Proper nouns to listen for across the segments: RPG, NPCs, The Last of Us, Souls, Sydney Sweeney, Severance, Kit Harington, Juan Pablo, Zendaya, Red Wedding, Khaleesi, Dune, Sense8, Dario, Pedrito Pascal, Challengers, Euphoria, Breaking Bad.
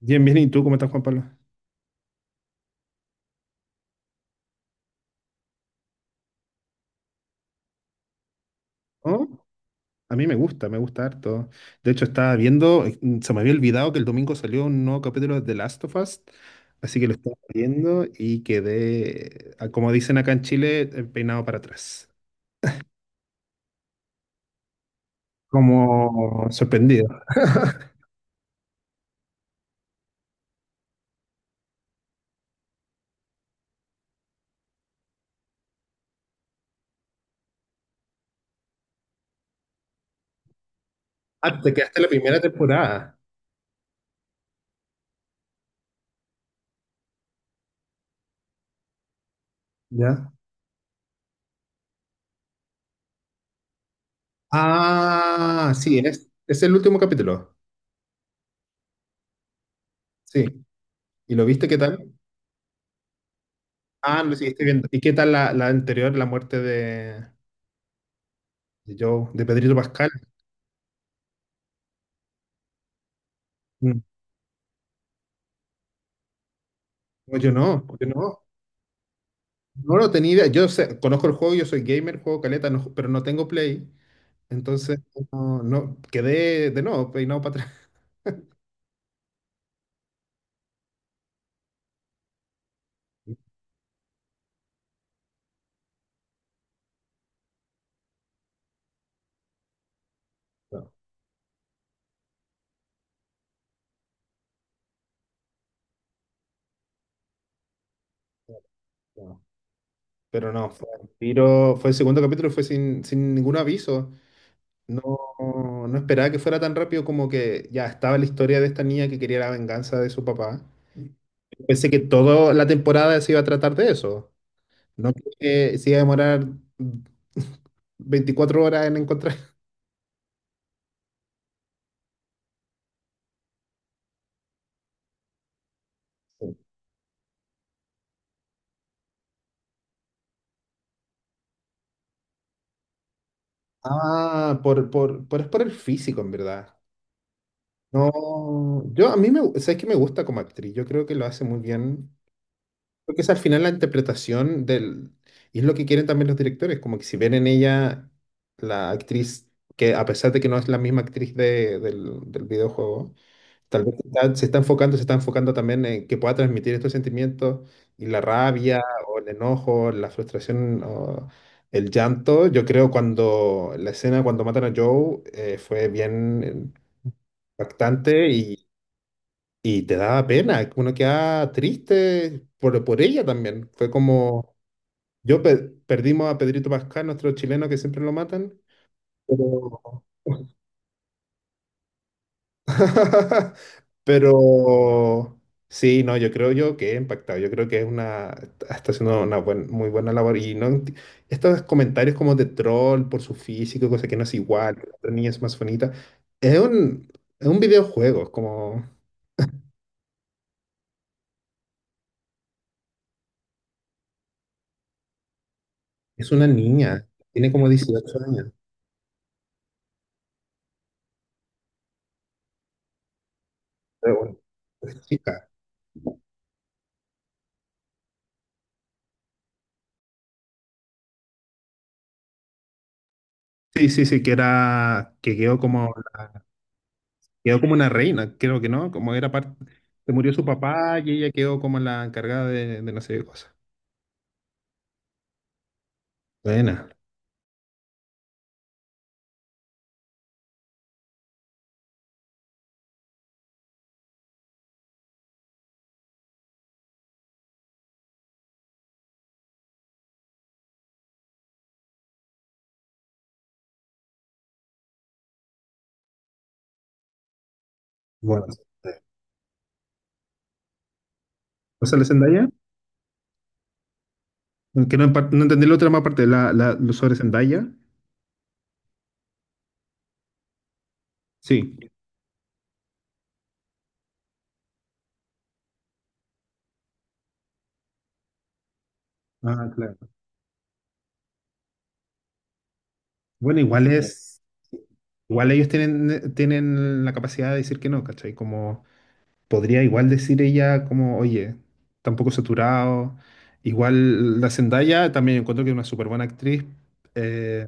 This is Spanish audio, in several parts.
Bien, bien, ¿y tú cómo estás, Juan Pablo? ¿Oh? A mí me gusta harto. De hecho, estaba viendo, se me había olvidado que el domingo salió un nuevo capítulo de The Last of Us, así que lo estaba viendo y quedé, ah, como dicen acá en Chile, peinado para atrás. Como sorprendido. Ah, te quedaste en la primera temporada. ¿Ya? Ah, sí, es el último capítulo. Sí. ¿Y lo viste qué tal? Ah, lo seguiste viendo. ¿Y qué tal la anterior, la muerte de Joe, de Pedrito Pascal? No, yo no, yo no. No lo tenía idea. Conozco el juego, yo soy gamer, juego caleta, pero no tengo Play. Entonces, no, no, quedé de nuevo, peinado para atrás. No, no. Pero no, fue un tiro, fue el segundo capítulo y fue sin ningún aviso. No, no esperaba que fuera tan rápido como que ya estaba la historia de esta niña que quería la venganza de su papá. Pensé que toda la temporada se iba a tratar de eso. No que se iba a demorar 24 horas en encontrar. Ah, por, es por el físico, en verdad. No, yo a mí me, sabes que me gusta como actriz, yo creo que lo hace muy bien, porque es al final la interpretación del, y es lo que quieren también los directores, como que si ven en ella la actriz, que a pesar de que no es la misma actriz del videojuego. Tal vez se está enfocando también en que pueda transmitir estos sentimientos y la rabia o el enojo, la frustración o el llanto. Yo creo cuando la escena cuando matan a Joe fue bien impactante y te daba pena. Uno queda triste por ella también. Fue como, yo pe- perdimos a Pedrito Pascal, nuestro chileno que siempre lo matan. Pero Pero sí, no, yo creo yo que he impactado. Yo creo que es una, está haciendo una muy buena labor. Y no, estos comentarios como de troll por su físico, cosa que no es igual, que la otra niña es más bonita. Es un, es un videojuego, es como, es una niña, tiene como 18 años. Pero bueno, es chica. Sí, sí, sí, que era, que quedó como una reina, creo que no, como era parte, se murió su papá y ella quedó como la encargada de no sé qué cosa. Buena. Bueno, este, o sea, la Zendaya, aunque no, no entendí la otra más parte, lo sobre Zendaya. Sí. Ah, claro. Bueno, igual ellos tienen la capacidad de decir que no, ¿cachai? Como podría igual decir ella como, oye, tampoco saturado. Igual la Zendaya también encuentro que es una súper buena actriz. eh,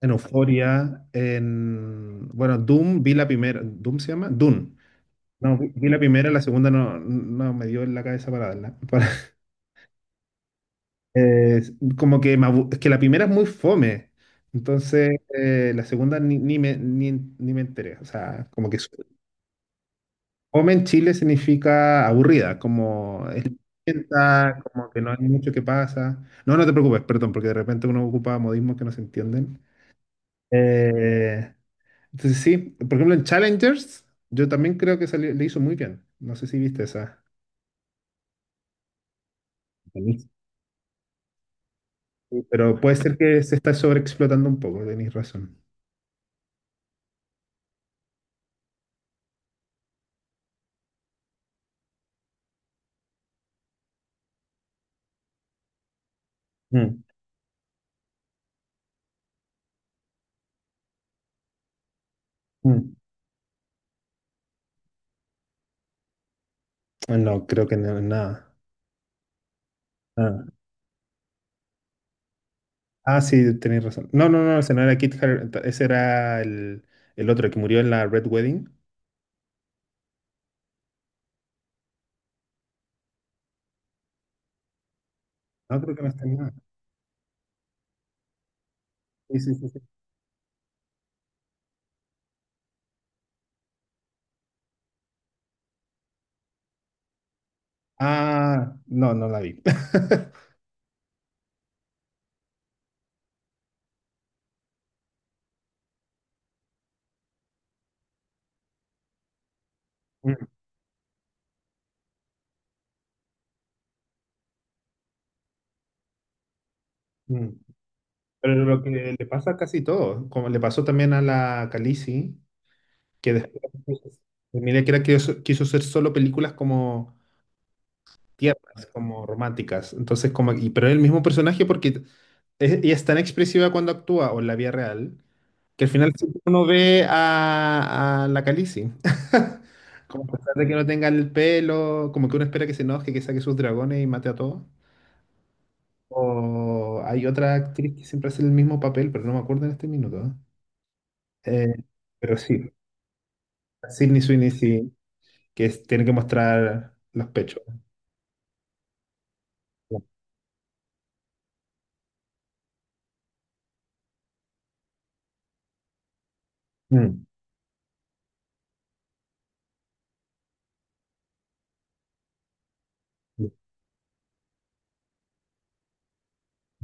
en Euphoria, en, bueno, Doom, vi la primera, ¿Doom se llama? Dune. No, vi la primera, la segunda no, no me dio en la cabeza para darla. Eh, como que, es que la primera es muy fome, entonces la segunda ni me enteré. O sea, como que fome en Chile significa aburrida, como es lenta, como que no hay mucho que pasa. No, no te preocupes, perdón, porque de repente uno ocupa modismos que no se entienden. Eh, entonces sí, por ejemplo en Challengers, yo también creo que le hizo muy bien. No sé si viste esa. Buenísimo. Pero puede ser que se está sobreexplotando un poco, tenéis razón. Mm, mm. Ah, no, creo que no, nada. Ah, sí, tenéis razón. No, no, no, ese no era Kit Harington, ese era el otro el que murió en la Red Wedding. No, creo que no está en nada. Sí, sí, sí, sí. Ah, no, no la vi. Mm, mm. Pero lo que le pasa a casi todo, como le pasó también a la Khaleesi, que después mira que era que quiso hacer solo películas como tiernas, como románticas. Entonces, como, y, pero es el mismo personaje porque ella es tan expresiva cuando actúa o en la vida real. Que al final siempre uno ve a la Khaleesi. Como a pesar de que no tenga el pelo, como que uno espera que se enoje, que saque sus dragones y mate a todos. O hay otra actriz que siempre hace el mismo papel, pero no me acuerdo en este minuto. Eh, Eh, pero sí, Sydney Sweeney sí, que tiene que mostrar los pechos. Mm.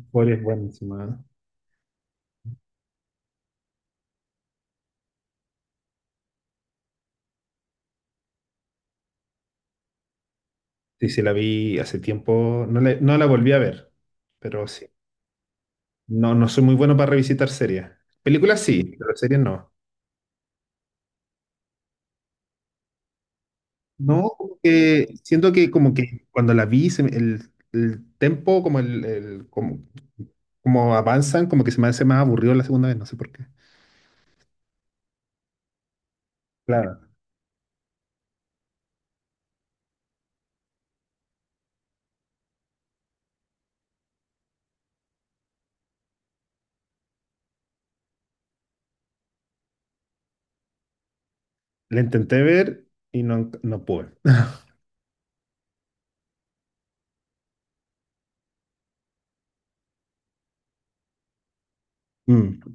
Euphoria es buenísima. ¿Eh? Sí, sí, la vi hace tiempo. No, le no la volví a ver, pero sí. No, no soy muy bueno para revisitar series. Películas sí, pero series no. No, como que siento que como que cuando la vi, el tempo, como avanzan, como que se me hace más aburrido la segunda vez, no sé por qué. Claro, la intenté ver y no, no pude. Mm,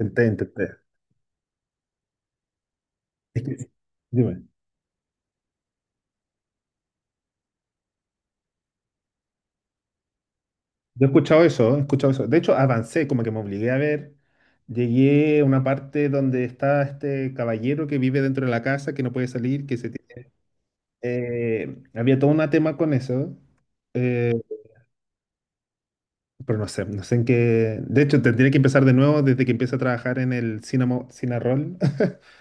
intenté, intenté. Es que- Dime. Yo he escuchado eso, he escuchado eso. De hecho, avancé, como que me obligué a ver. Llegué a una parte donde está este caballero que vive dentro de la casa, que no puede salir, que se... tiene-. Había todo un tema con eso. eh, Pero no sé, no sé en qué. De hecho, tendría que empezar de nuevo desde que empecé a trabajar en el Cinamo, Cinarol.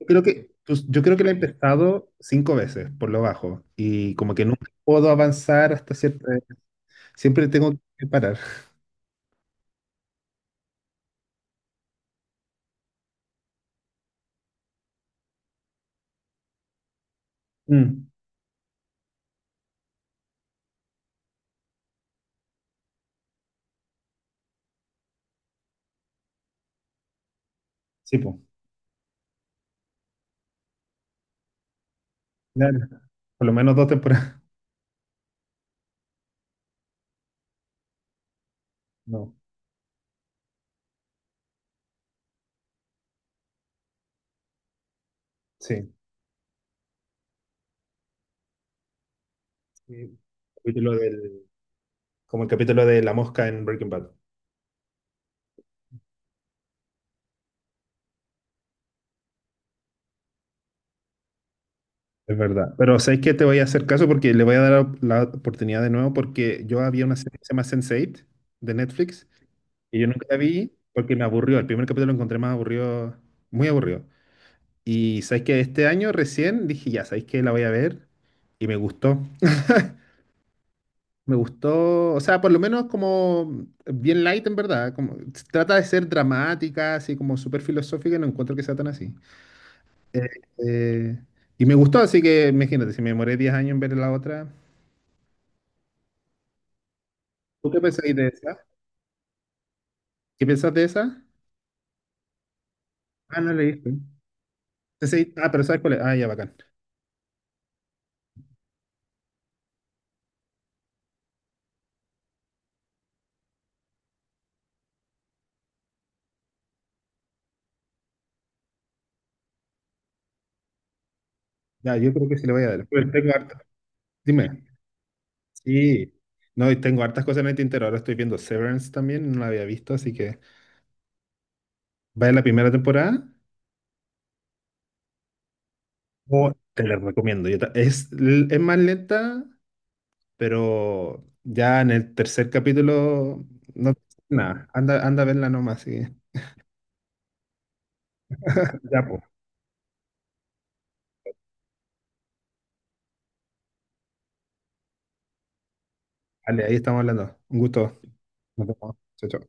Yo creo que, pues, yo creo que la he empezado cinco veces, por lo bajo. Y como que nunca puedo avanzar hasta cierto. Siempre tengo que parar. Mm, sí, pues. Claro. Por lo menos dos temporadas. No, sí. Sí. Capítulo como el capítulo de la mosca en Breaking Bad. Es verdad. Pero ¿sabes qué? Te voy a hacer caso porque le voy a dar la oportunidad de nuevo porque yo había una serie que se llama sense Eight de Netflix. Y yo nunca la vi porque me aburrió. El primer capítulo lo encontré más aburrido, muy aburrido. Y sabéis que este año recién dije, ya, sabéis que la voy a ver. Y me gustó. Me gustó, o sea, por lo menos como bien light en verdad. Como, trata de ser dramática, así como súper filosófica, y no encuentro que sea tan así. Eh, eh, y me gustó, así que imagínate, si me demoré 10 años en ver la otra. ¿Tú qué pensáis de esa? ¿Qué pensás de esa? Ah, no leíste. Ah, pero ¿sabes cuál es? Ah, ya, bacán. Ya, yo creo que sí le voy a dar. Pues tengo harta. Dime. Sí, no, y tengo hartas cosas en el tintero. Ahora estoy viendo Severance también, no la había visto, así que vaya la primera temporada. Oh, te la recomiendo. Es es más lenta, pero ya en el tercer capítulo, no, nada, anda, anda a verla nomás. Así ya, pues, vale, ahí estamos hablando. Un gusto. Nos vemos. Chao, chao.